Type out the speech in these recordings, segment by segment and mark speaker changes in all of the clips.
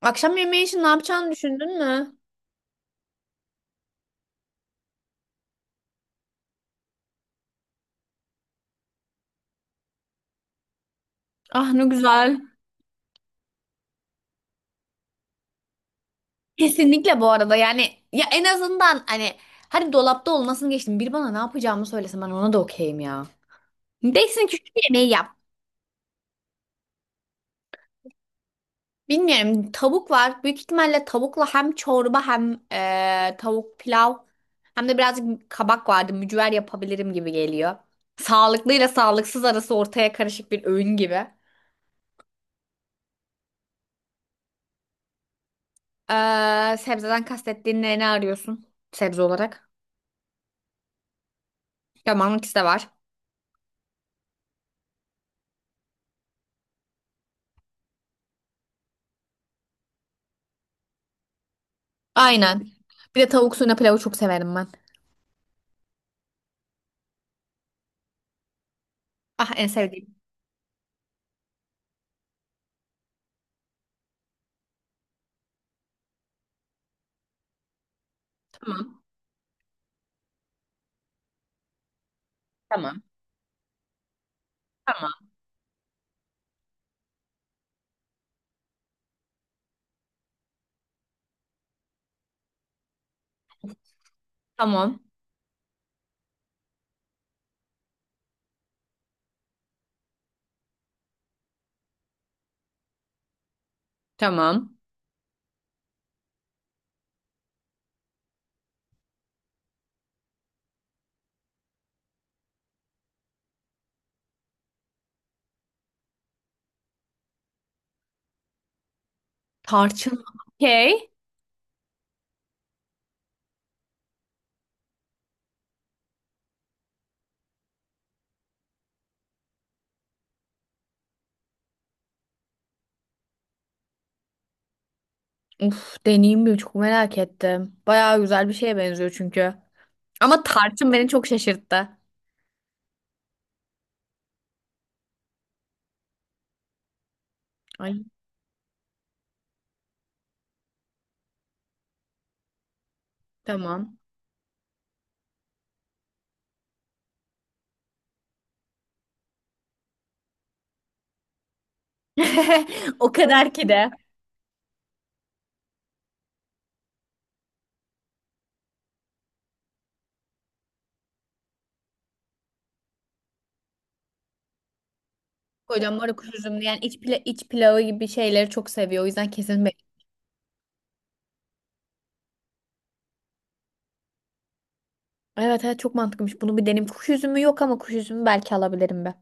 Speaker 1: Akşam yemeği için ne yapacağını düşündün mü? Ah ne güzel. Kesinlikle bu arada yani ya en azından hani hadi dolapta olmasını geçtim. Bir bana ne yapacağımı söylese ben ona da okeyim ya. Değilsin ki şu yemeği yap. Bilmiyorum, tavuk var. Büyük ihtimalle tavukla hem çorba hem tavuk pilav, hem de birazcık kabak vardı. Mücver yapabilirim gibi geliyor. Sağlıklıyla sağlıksız arası ortaya karışık bir öğün gibi. Sebzeden kastettiğin ne, ne arıyorsun sebze olarak? Ya marmut de var. Aynen. Bir de tavuk suyuna pilavı çok severim ben. Ah en sevdiğim. Tamam. Tamam. Tamam. Tamam. Tamam. Tarçın. Okey. Uf, deneyeyim mi? Çok merak ettim. Bayağı güzel bir şeye benziyor çünkü. Ama tarçın beni çok şaşırttı. Ay tamam. O kadar ki de. Kocam var ya kuş üzümlü yani iç, pila iç pilavı gibi şeyleri çok seviyor. O yüzden kesin be. Evet evet çok mantıklıymış. Bunu bir deneyim. Kuş üzümü yok ama kuş üzümü belki alabilirim be.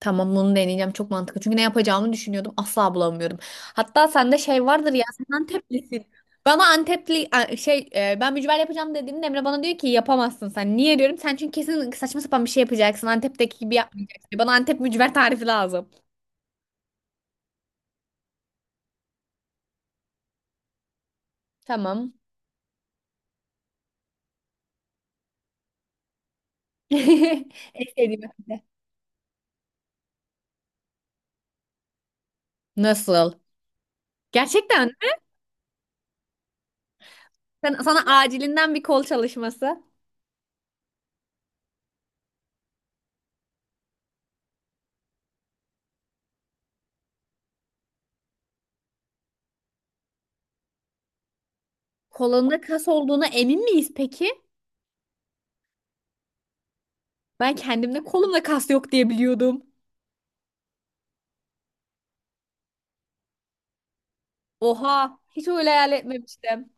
Speaker 1: Tamam, bunu deneyeceğim, çok mantıklı. Çünkü ne yapacağımı düşünüyordum, asla bulamıyorum. Hatta sende şey vardır ya, sen Anteplisin. Bana Antepli ben mücver yapacağım dediğinde Emre bana diyor ki yapamazsın sen. Niye diyorum? Sen çünkü kesin saçma sapan bir şey yapacaksın. Antep'teki gibi yapmayacaksın. Bana Antep mücver tarifi lazım. Tamam. En sevdiğim aktivite. Nasıl? Gerçekten mi? Sana acilinden bir kol çalışması. Kolunda kas olduğuna emin miyiz peki? Ben kendimde kolumda kas yok diye biliyordum. Oha, hiç öyle hayal etmemiştim.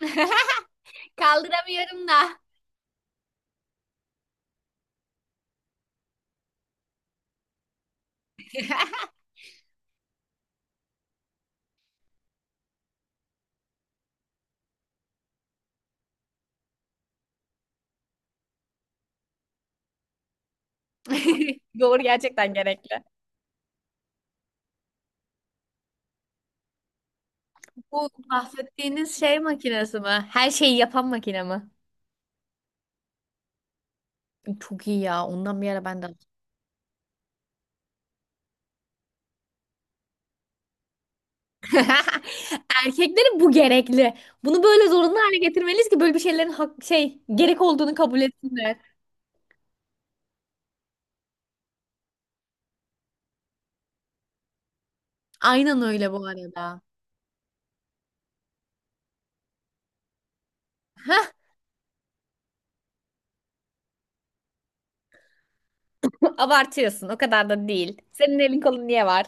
Speaker 1: Kaldıramıyorum da. Doğru, gerçekten gerekli. Bu bahsettiğiniz şey makinesi mi? Her şeyi yapan makine mi? Çok iyi ya. Ondan bir ara ben de. Erkeklerin bu gerekli. Bunu böyle zorunlu hale getirmeliyiz ki böyle bir şeylerin hak, şey gerek olduğunu kabul etsinler. Aynen öyle bu arada. Abartıyorsun. O kadar da değil. Senin elin kolun niye var?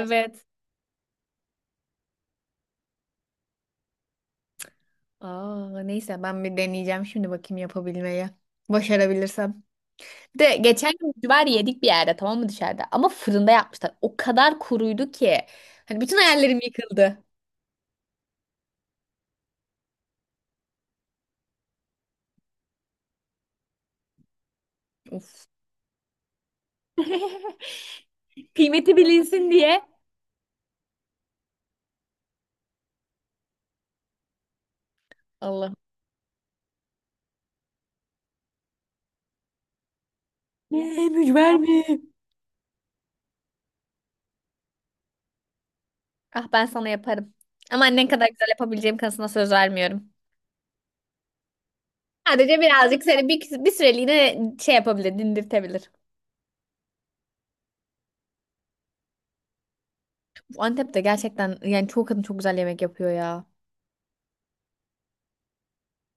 Speaker 1: Evet. Aa, neyse ben bir deneyeceğim şimdi, bakayım yapabilmeyi. Başarabilirsem. Bir de geçen gün mücver yedik bir yerde, tamam mı, dışarıda? Ama fırında yapmışlar. O kadar kuruydu ki. Hani bütün hayallerim yıkıldı. Of. Kıymeti bilinsin diye. Allah. Ne, mücver mi? Ah ben sana yaparım. Ama annen kadar güzel yapabileceğim kanısına söz vermiyorum. Sadece birazcık seni bir süreliğine şey yapabilir, dindirtebilir. Bu Antep'te gerçekten yani çoğu kadın çok güzel yemek yapıyor ya.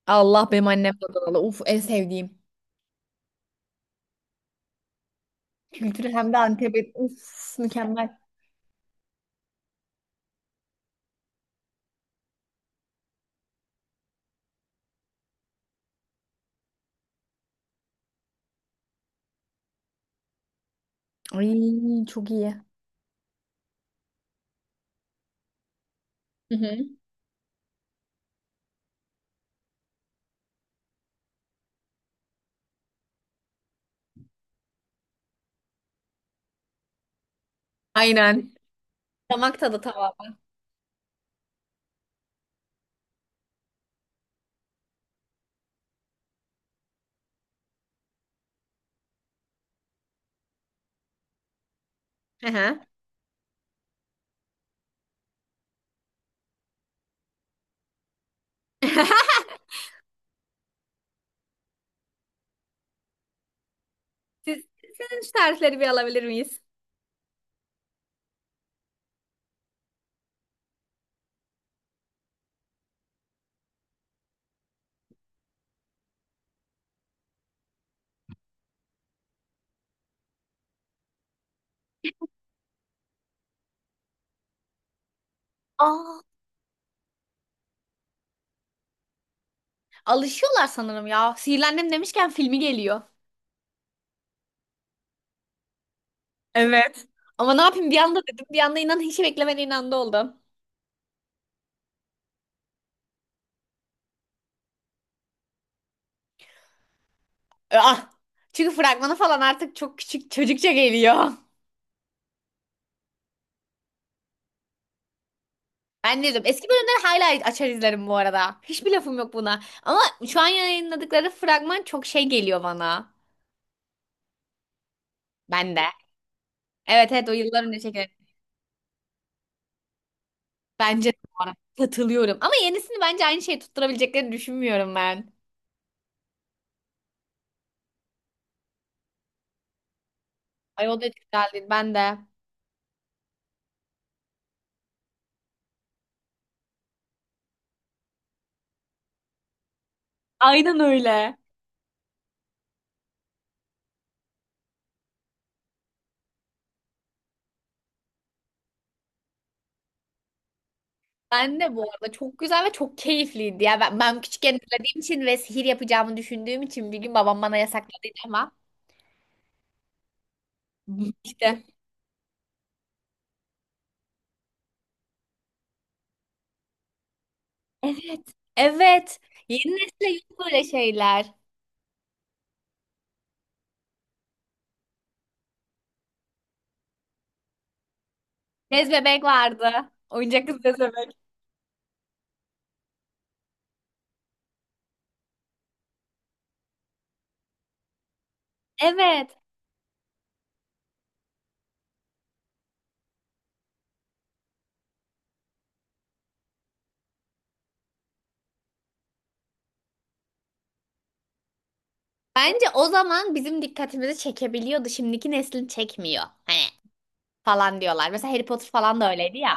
Speaker 1: Allah, benim annem de danalı. Uf en sevdiğim. Kültürü, hem de Antep'in. Uf mükemmel. Ay çok iyi. Hı hı. Aynen. Damak tadı tamamen. Hı hı. Sizden şu tarifleri bir alabilir miyiz? Aa, alışıyorlar sanırım ya. Sihirli Annem demişken filmi geliyor. Evet. Ama ne yapayım, bir anda dedim. Bir anda inan hiç beklemediğin anda oldu. Ah. Çünkü fragmanı falan artık çok küçük çocukça geliyor. Ben dedim. Eski bölümleri hala açar izlerim bu arada. Hiçbir lafım yok buna. Ama şu an yayınladıkları fragman çok şey geliyor bana. Ben de. Evet evet, o yıllar önce çekilen. Bence de bu arada. Katılıyorum. Ama yenisini bence aynı şeyi tutturabileceklerini düşünmüyorum ben. Ay o da güzel değil. Ben de. Aynen öyle. Ben de bu arada çok güzel ve çok keyifliydi. Ya ben küçükken izlediğim için ve sihir yapacağımı düşündüğüm için bir gün babam bana yasakladıydı ama işte. Evet. Evet. Yeni nesle yok böyle şeyler. Bez bebek vardı. Oyuncak kız, bez bebek. Evet. Bence o zaman bizim dikkatimizi çekebiliyordu. Şimdiki neslin çekmiyor. Hani falan diyorlar. Mesela Harry Potter falan da öyleydi ya.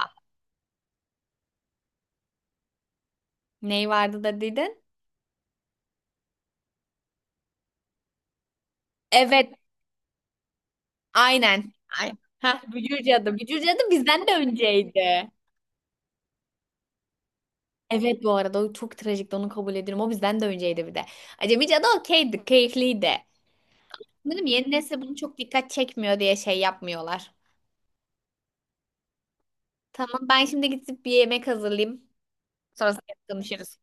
Speaker 1: Neyi vardı da dedin? Evet. Aynen. Ay. Hah, Bücür Cadı. Bücür Cadı bizden de önceydi. Evet bu arada, o çok trajikti, onu kabul ediyorum. O bizden de önceydi bir de. Acemi Cadı okeydi. Keyifliydi. Dedim yeni nesil bunu çok dikkat çekmiyor diye şey yapmıyorlar. Tamam, ben şimdi gidip bir yemek hazırlayayım. Sonrasında konuşuruz.